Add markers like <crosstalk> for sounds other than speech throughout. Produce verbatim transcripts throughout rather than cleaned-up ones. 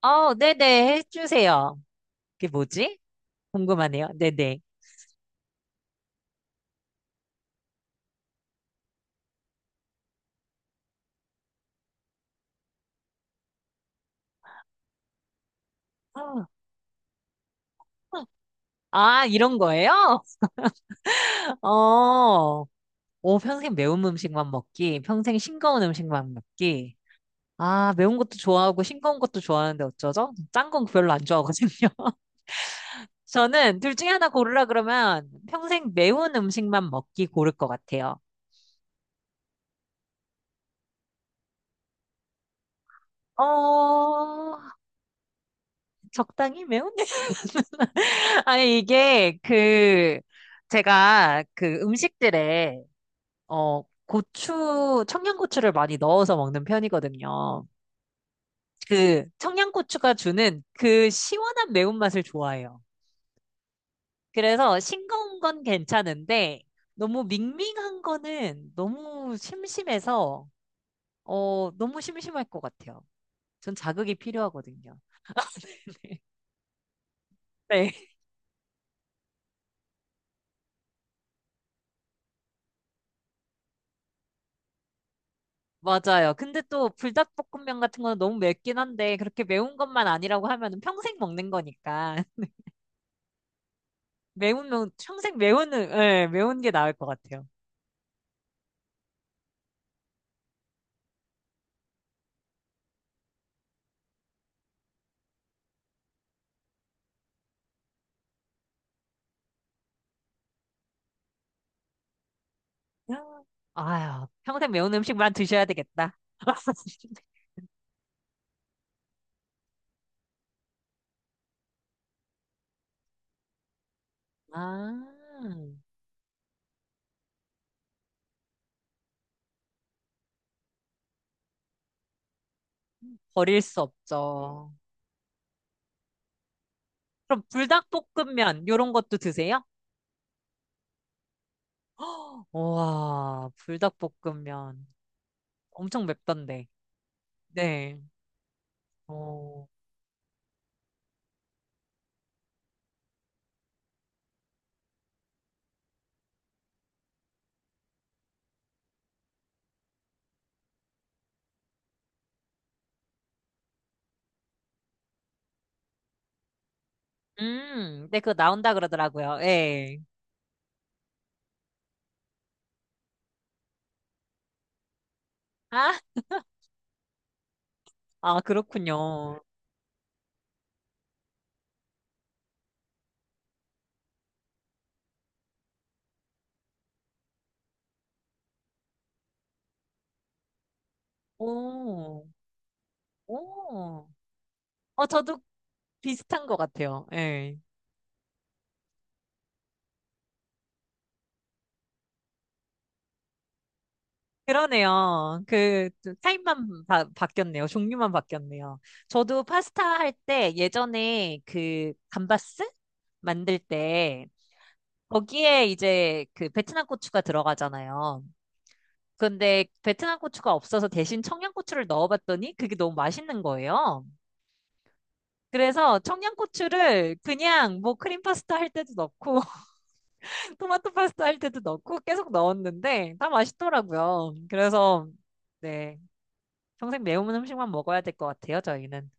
어, 네네, 해주세요. 그게 뭐지? 궁금하네요. 네네. 아, 아, 이런 거예요? <laughs> 어, 오, 평생 매운 음식만 먹기, 평생 싱거운 음식만 먹기. 아, 매운 것도 좋아하고 싱거운 것도 좋아하는데 어쩌죠? 짠 건 별로 안 좋아하거든요. <laughs> 저는 둘 중에 하나 고르라 그러면 평생 매운 음식만 먹기 고를 것 같아요. 어, 적당히 매운? <laughs> 아니, 이게 그, 제가 그 음식들에 어, 고추, 청양고추를 많이 넣어서 먹는 편이거든요. 그 청양고추가 주는 그 시원한 매운맛을 좋아해요. 그래서 싱거운 건 괜찮은데 너무 밍밍한 거는 너무 심심해서 어, 너무 심심할 것 같아요. 전 자극이 필요하거든요. 네, <laughs> 맞아요. 근데 또 불닭볶음면 같은 건 너무 맵긴 한데 그렇게 매운 것만 아니라고 하면 평생 먹는 거니까 <laughs> 매운 면 평생 매운 예, 매운 게 나을 것 같아요. 아유, 평생 매운 음식만 드셔야 되겠다. <laughs> 아, 버릴 수 없죠. 그럼 불닭볶음면 요런 것도 드세요? <gasps> 와, 불닭볶음면 엄청 맵던데. 네. 어. 음, 네, 그거 나온다 그러더라고요. 예. 아, 아, 그렇군요. 오, 오. 어, 저도 비슷한 것 같아요. 예. 그러네요. 그 타입만 바, 바뀌었네요. 종류만 바뀌었네요. 저도 파스타 할 때 예전에 그 감바스 만들 때 거기에 이제 그 베트남 고추가 들어가잖아요. 근데 베트남 고추가 없어서 대신 청양고추를 넣어봤더니 그게 너무 맛있는 거예요. 그래서 청양고추를 그냥 뭐 크림 파스타 할 때도 넣고 <laughs> 토마토 파스타 할 때도 넣고 계속 넣었는데 다 맛있더라고요. 그래서 네, 평생 매운 음식만 먹어야 될 것 같아요, 저희는.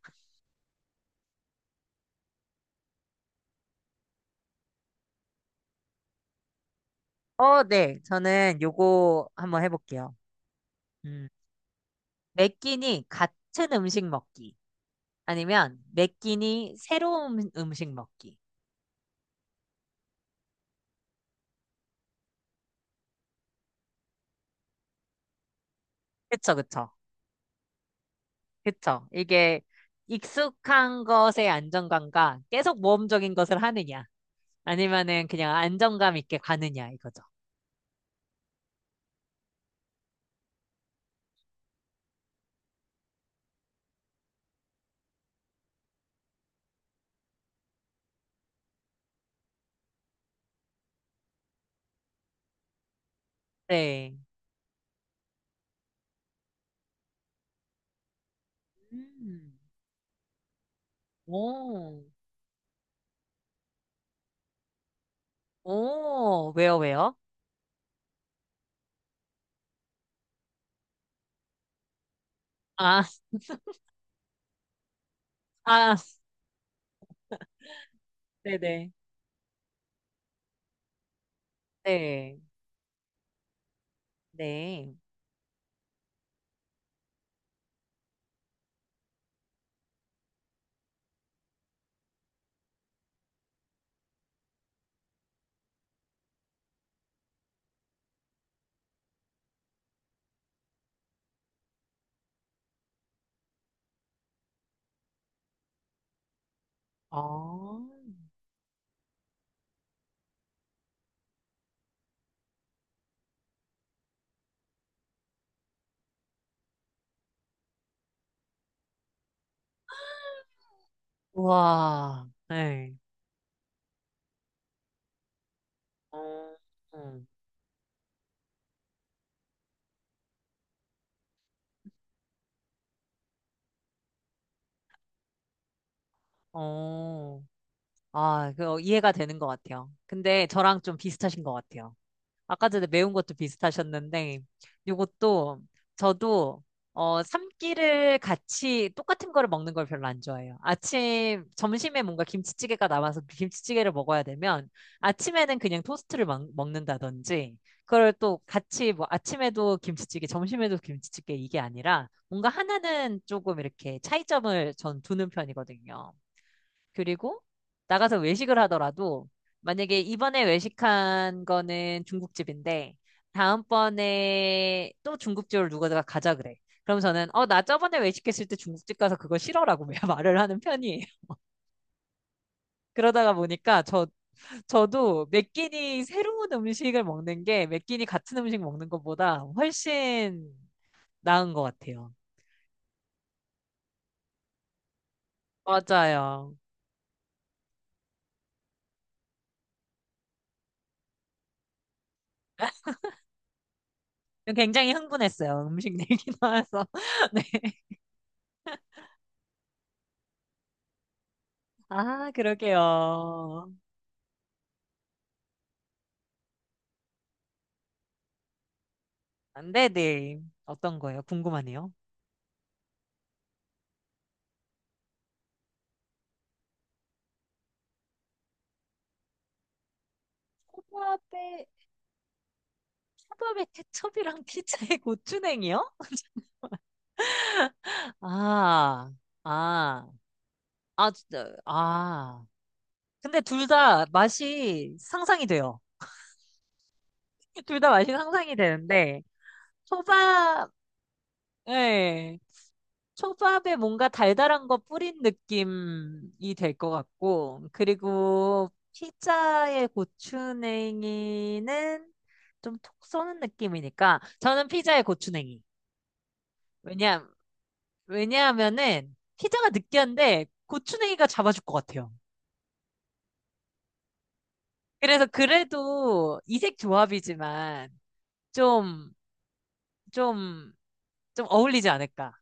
어, 네. 저는 요거 한번 해볼게요. 음, 매 끼니 같은 음식 먹기. 아니면 매 끼니 새로운 음- 음식 먹기. 그쵸, 그쵸. 그쵸. 이게 익숙한 것의 안정감과 계속 모험적인 것을 하느냐, 아니면은 그냥 안정감 있게 가느냐, 이거죠. 네. 음. 오, 오, 왜요, 왜요? 아, 아, 네네. 네, 네. 아, 우와, 네. 어, 음. 어, 아, 그, 어, 이해가 되는 것 같아요. 근데 저랑 좀 비슷하신 것 같아요. 아까 전에 매운 것도 비슷하셨는데, 요것도 저도 어, 삼끼를 같이 똑같은 거를 먹는 걸 별로 안 좋아해요. 아침, 점심에 뭔가 김치찌개가 남아서 그 김치찌개를 먹어야 되면 아침에는 그냥 토스트를 먹, 먹는다든지, 그걸 또 같이 뭐 아침에도 김치찌개, 점심에도 김치찌개 이게 아니라 뭔가 하나는 조금 이렇게 차이점을 전 두는 편이거든요. 그리고 나가서 외식을 하더라도 만약에 이번에 외식한 거는 중국집인데 다음번에 또 중국집을 누가 가자 그래. 그럼 저는 어, 나 저번에 외식했을 때 중국집 가서 그거 싫어라고 <laughs> 말을 하는 편이에요. 그러다가 보니까 저 저도 매 끼니 새로운 음식을 먹는 게 매 끼니 같은 음식 먹는 것보다 훨씬 나은 것 같아요. 맞아요. 굉장히 흥분했어요. 음식 얘기 나와서. <laughs> 네. 아, 그러게요. 네네. 어떤 거예요? 궁금하네요. 초밥에, 초밥에 케첩이랑 피자에 <laughs> 고추냉이요? 아, 아, 아, 진짜, 아. 근데 둘 다 맛이 상상이 돼요. <laughs> 둘 다 맛이 상상이 되는데, 초밥, 예. 초밥에 뭔가 달달한 거 뿌린 느낌이 될 것 같고, 그리고 피자의 고추냉이는 좀 톡 쏘는 느낌이니까, 저는 피자의 고추냉이. 왜냐, 왜냐하면은, 피자가 느끼한데, 고추냉이가 잡아줄 것 같아요. 그래서 그래도 이색 조합이지만, 좀, 좀, 좀 어울리지 않을까.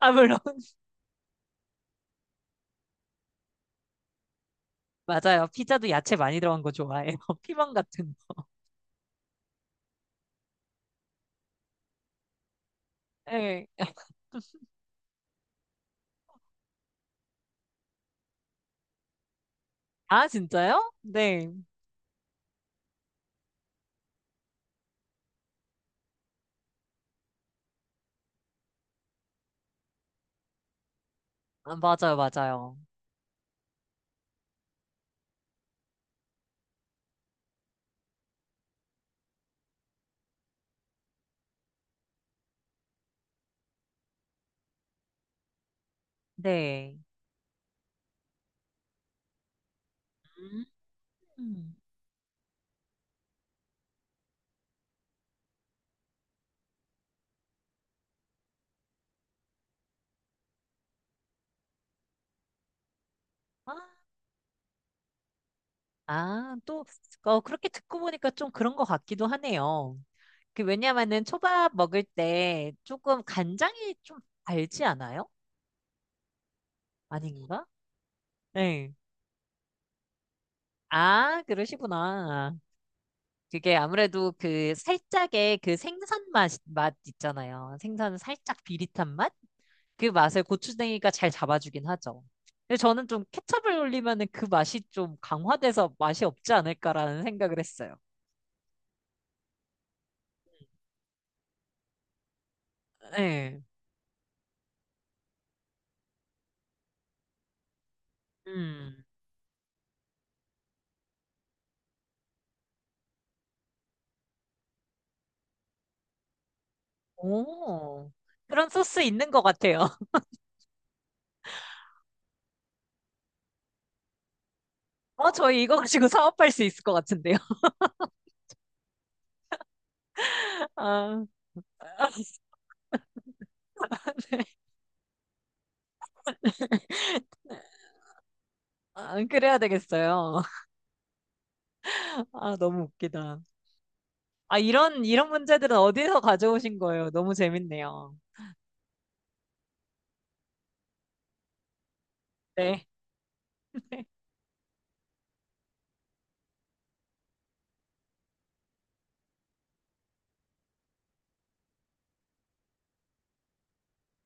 아, 물론, <laughs> 맞아요. 피자도 야채 많이 들어간 거 좋아해요. <laughs> 피망 같은 거. 예. 아, 진짜요? 네. 아, 맞아요, 맞아요. 네. 음. 아, 아, 또, 어, 그렇게 듣고 보니까 좀 그런 것 같기도 하네요. 그, 왜냐면은 초밥 먹을 때 조금 간장이 좀 달지 않아요? 아닌가? 네. 아, 그러시구나. 그게 아무래도 그 살짝의 그 생선 맛, 맛 있잖아요. 생선 살짝 비릿한 맛? 그 맛을 고추냉이가 잘 잡아주긴 하죠. 근데 저는 좀 케첩을 올리면은 그 맛이 좀 강화돼서 맛이 없지 않을까라는 생각을 했어요. 네. 음. 오. 그런 소스 있는 것 같아요. <laughs> 어, 저희 이거 가지고 사업할 수 있을 것 같은데요. <laughs> 아, 아, 네. 아, 그래야 되겠어요. <laughs> 아, 너무 웃기다. 아, 이런, 이런 문제들은 어디서 가져오신 거예요? 너무 재밌네요. 네.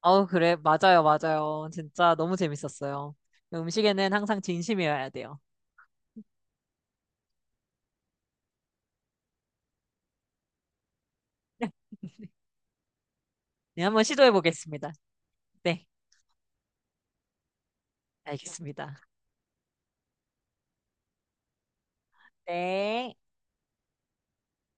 어, 그래. 맞아요, 맞아요. 진짜 너무 재밌었어요. 음식에는 항상 진심이어야 돼요. 네, 한번 시도해 보겠습니다. 네, 알겠습니다. 네.